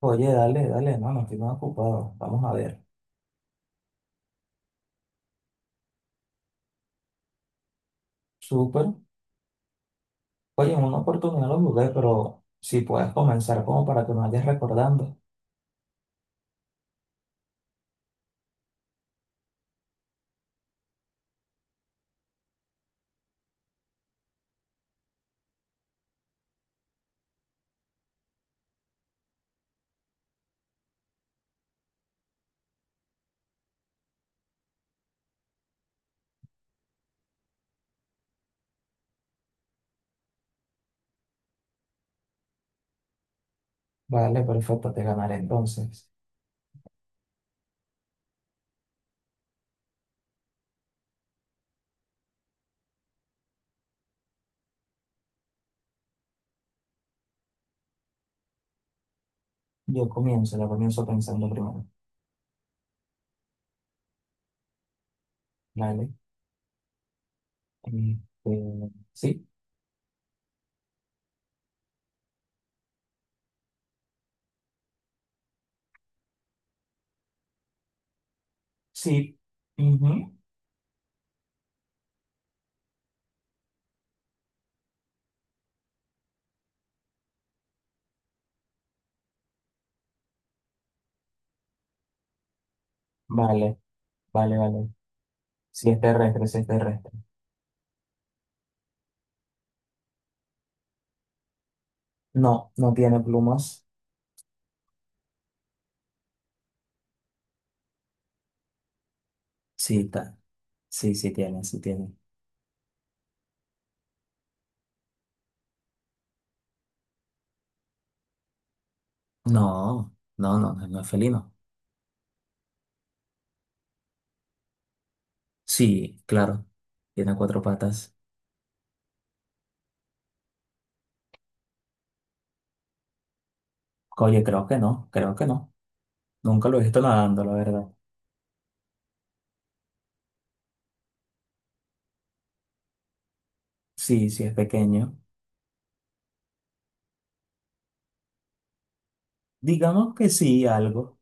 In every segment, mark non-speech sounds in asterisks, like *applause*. Oye, no estoy más ocupado. Vamos a ver. Súper. Oye, en una oportunidad lo jugué, pero si puedes comenzar como para que me vayas recordando. Vale, perfecto, te ganaré entonces. Yo comienzo, lo comienzo pensando primero. Vale. Este, sí, sí. Ujú. Vale, vale. Si es terrestre. No, no tiene plumas. Sí, ta- sí tiene, sí tiene. No es felino. Sí, claro. Tiene cuatro patas. Oye, creo que no, creo que no. Nunca lo he visto nadando, la verdad. Sí, es pequeño. Digamos que sí, algo.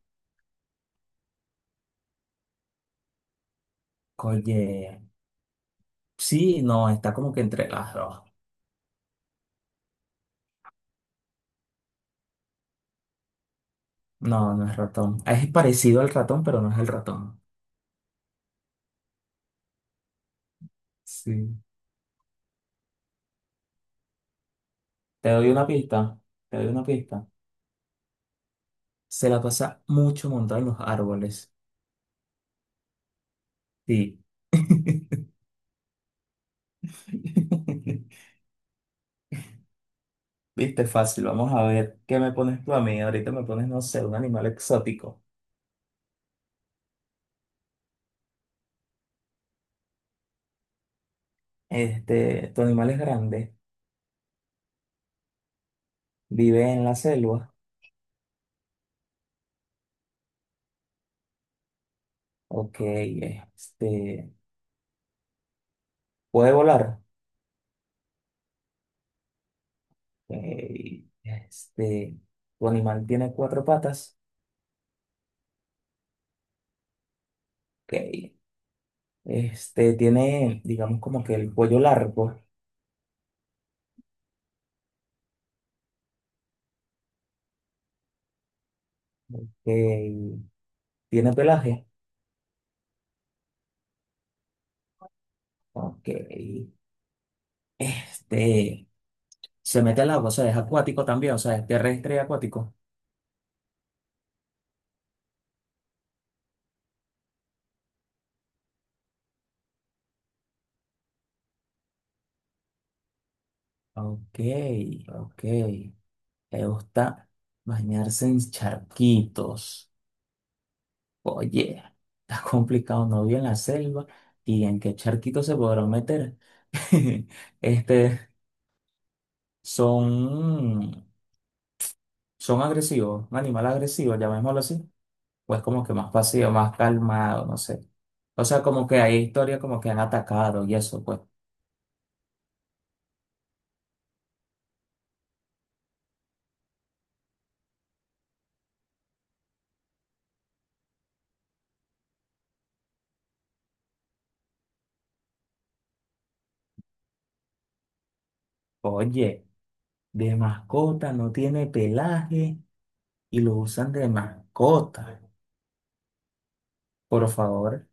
Oye, sí, no, está como que entre las dos. No, no es ratón. Es parecido al ratón, pero no es el ratón. Sí. Te doy una pista, te doy una pista. Se la pasa mucho montado en los árboles. Sí. *laughs* Viste, fácil. Vamos a ver qué me pones tú a mí. Ahorita me pones, no sé, un animal exótico. Tu animal es grande, vive en la selva. Ok, puede volar. Ok, este, tu animal tiene cuatro patas. Ok, tiene, digamos, como que el cuello largo. Ok, tiene pelaje. Ok, este, se mete al agua, o sea, es acuático también, o sea, es terrestre y acuático. Ok, ok, le gusta bañarse en charquitos. Oye, está complicado, no vi en la selva y en qué charquito se podrán meter. *laughs* Este, son, son agresivos, un animal agresivo, llamémoslo así. Pues como que más pasivo, más calmado, no sé. O sea, como que hay historias como que han atacado y eso, pues. Oye, de mascota no tiene pelaje y lo usan de mascota. Por favor,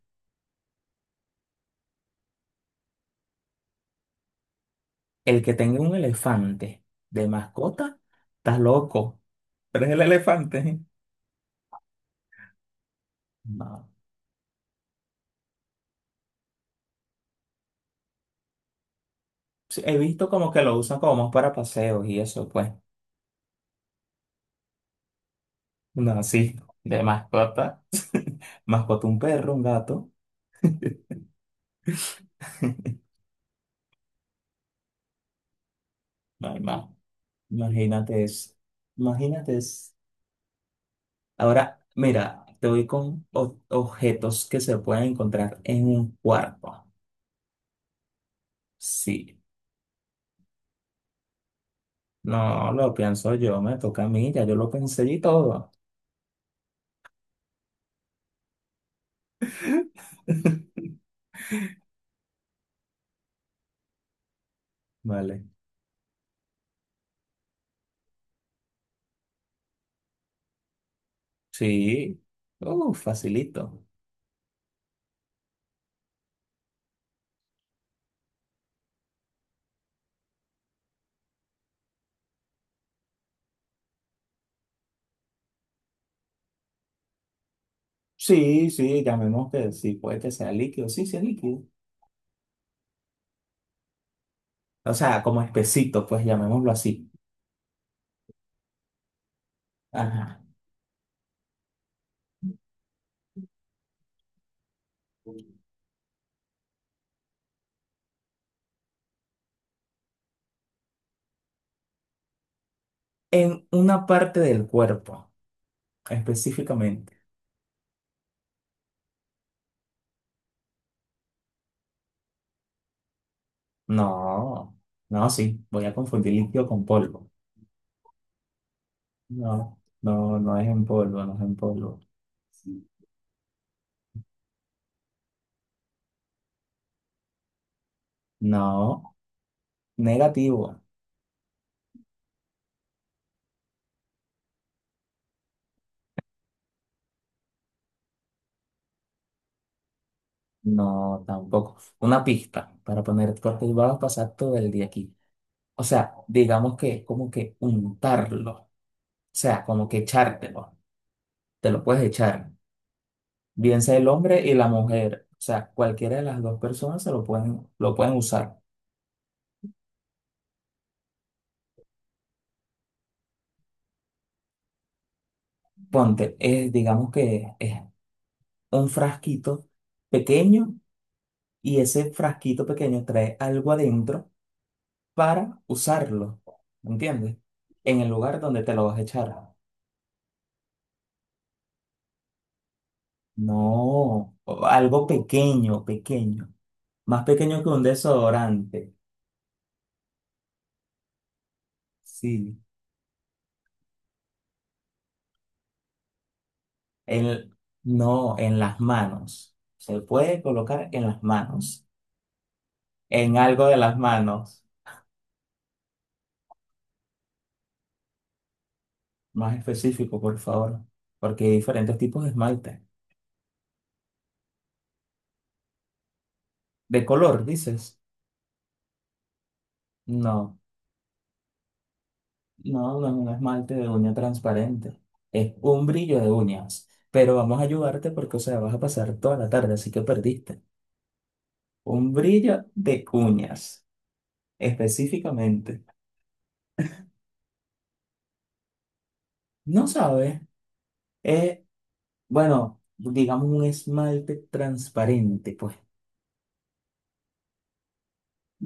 el que tenga un elefante de mascota, está loco. Pero es el elefante. No. Sí, he visto como que lo usan como más para paseos y eso, pues. No, sí, de mascota. *laughs* Mascota un perro, un gato. *laughs* No hay más. Imagínate eso. Imagínate eso. Ahora, mira, te voy con objetos que se pueden encontrar en un cuarto. Sí, no lo pienso yo, me toca a mí, ya yo lo pensé y todo. *laughs* Vale. Sí. Facilito. Puede que sea líquido. Sí, sí, es líquido. O sea, como espesito, pues llamémoslo así. Ajá. En una parte del cuerpo, específicamente. No, no, sí, voy a confundir líquido con polvo. No es en polvo, no es en polvo. No, negativo. No, tampoco. Una pista para poner, porque vamos a pasar todo el día aquí. O sea, digamos que es como que untarlo. O sea, como que echártelo. Te lo puedes echar. Bien sea el hombre y la mujer, o sea, cualquiera de las dos personas se lo pueden usar. Digamos que es un frasquito pequeño y ese frasquito pequeño trae algo adentro para usarlo, ¿entiendes? En el lugar donde te lo vas a echar. No, o algo pequeño, más pequeño que un desodorante. Sí, el, no, en las manos. Se puede colocar en las manos. En algo de las manos, más específico, por favor, porque hay diferentes tipos de esmalte. ¿De color, dices? No, no, no es un esmalte de uña transparente, es un brillo de uñas. Pero vamos a ayudarte porque, o sea, vas a pasar toda la tarde, así que perdiste. Un brillo de uñas, específicamente. No sabes, es, bueno, digamos un esmalte transparente, pues.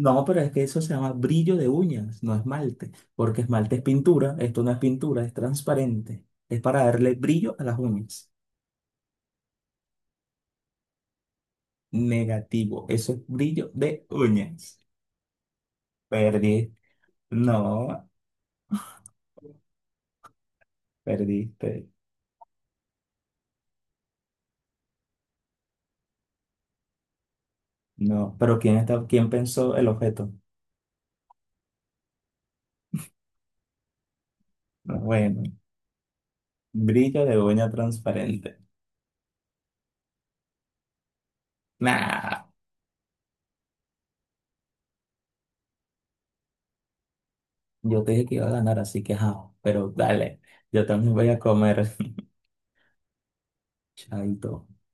No, pero es que eso se llama brillo de uñas, no esmalte, porque esmalte es pintura, esto no es pintura, es transparente, es para darle brillo a las uñas. Negativo, eso es brillo de uñas. Perdí, no, perdiste, no, pero ¿quién pensó el objeto? No, bueno, brillo de uña transparente. Nah, yo te dije que iba a ganar, así que ajá, pero dale, yo también voy a comer, chaito.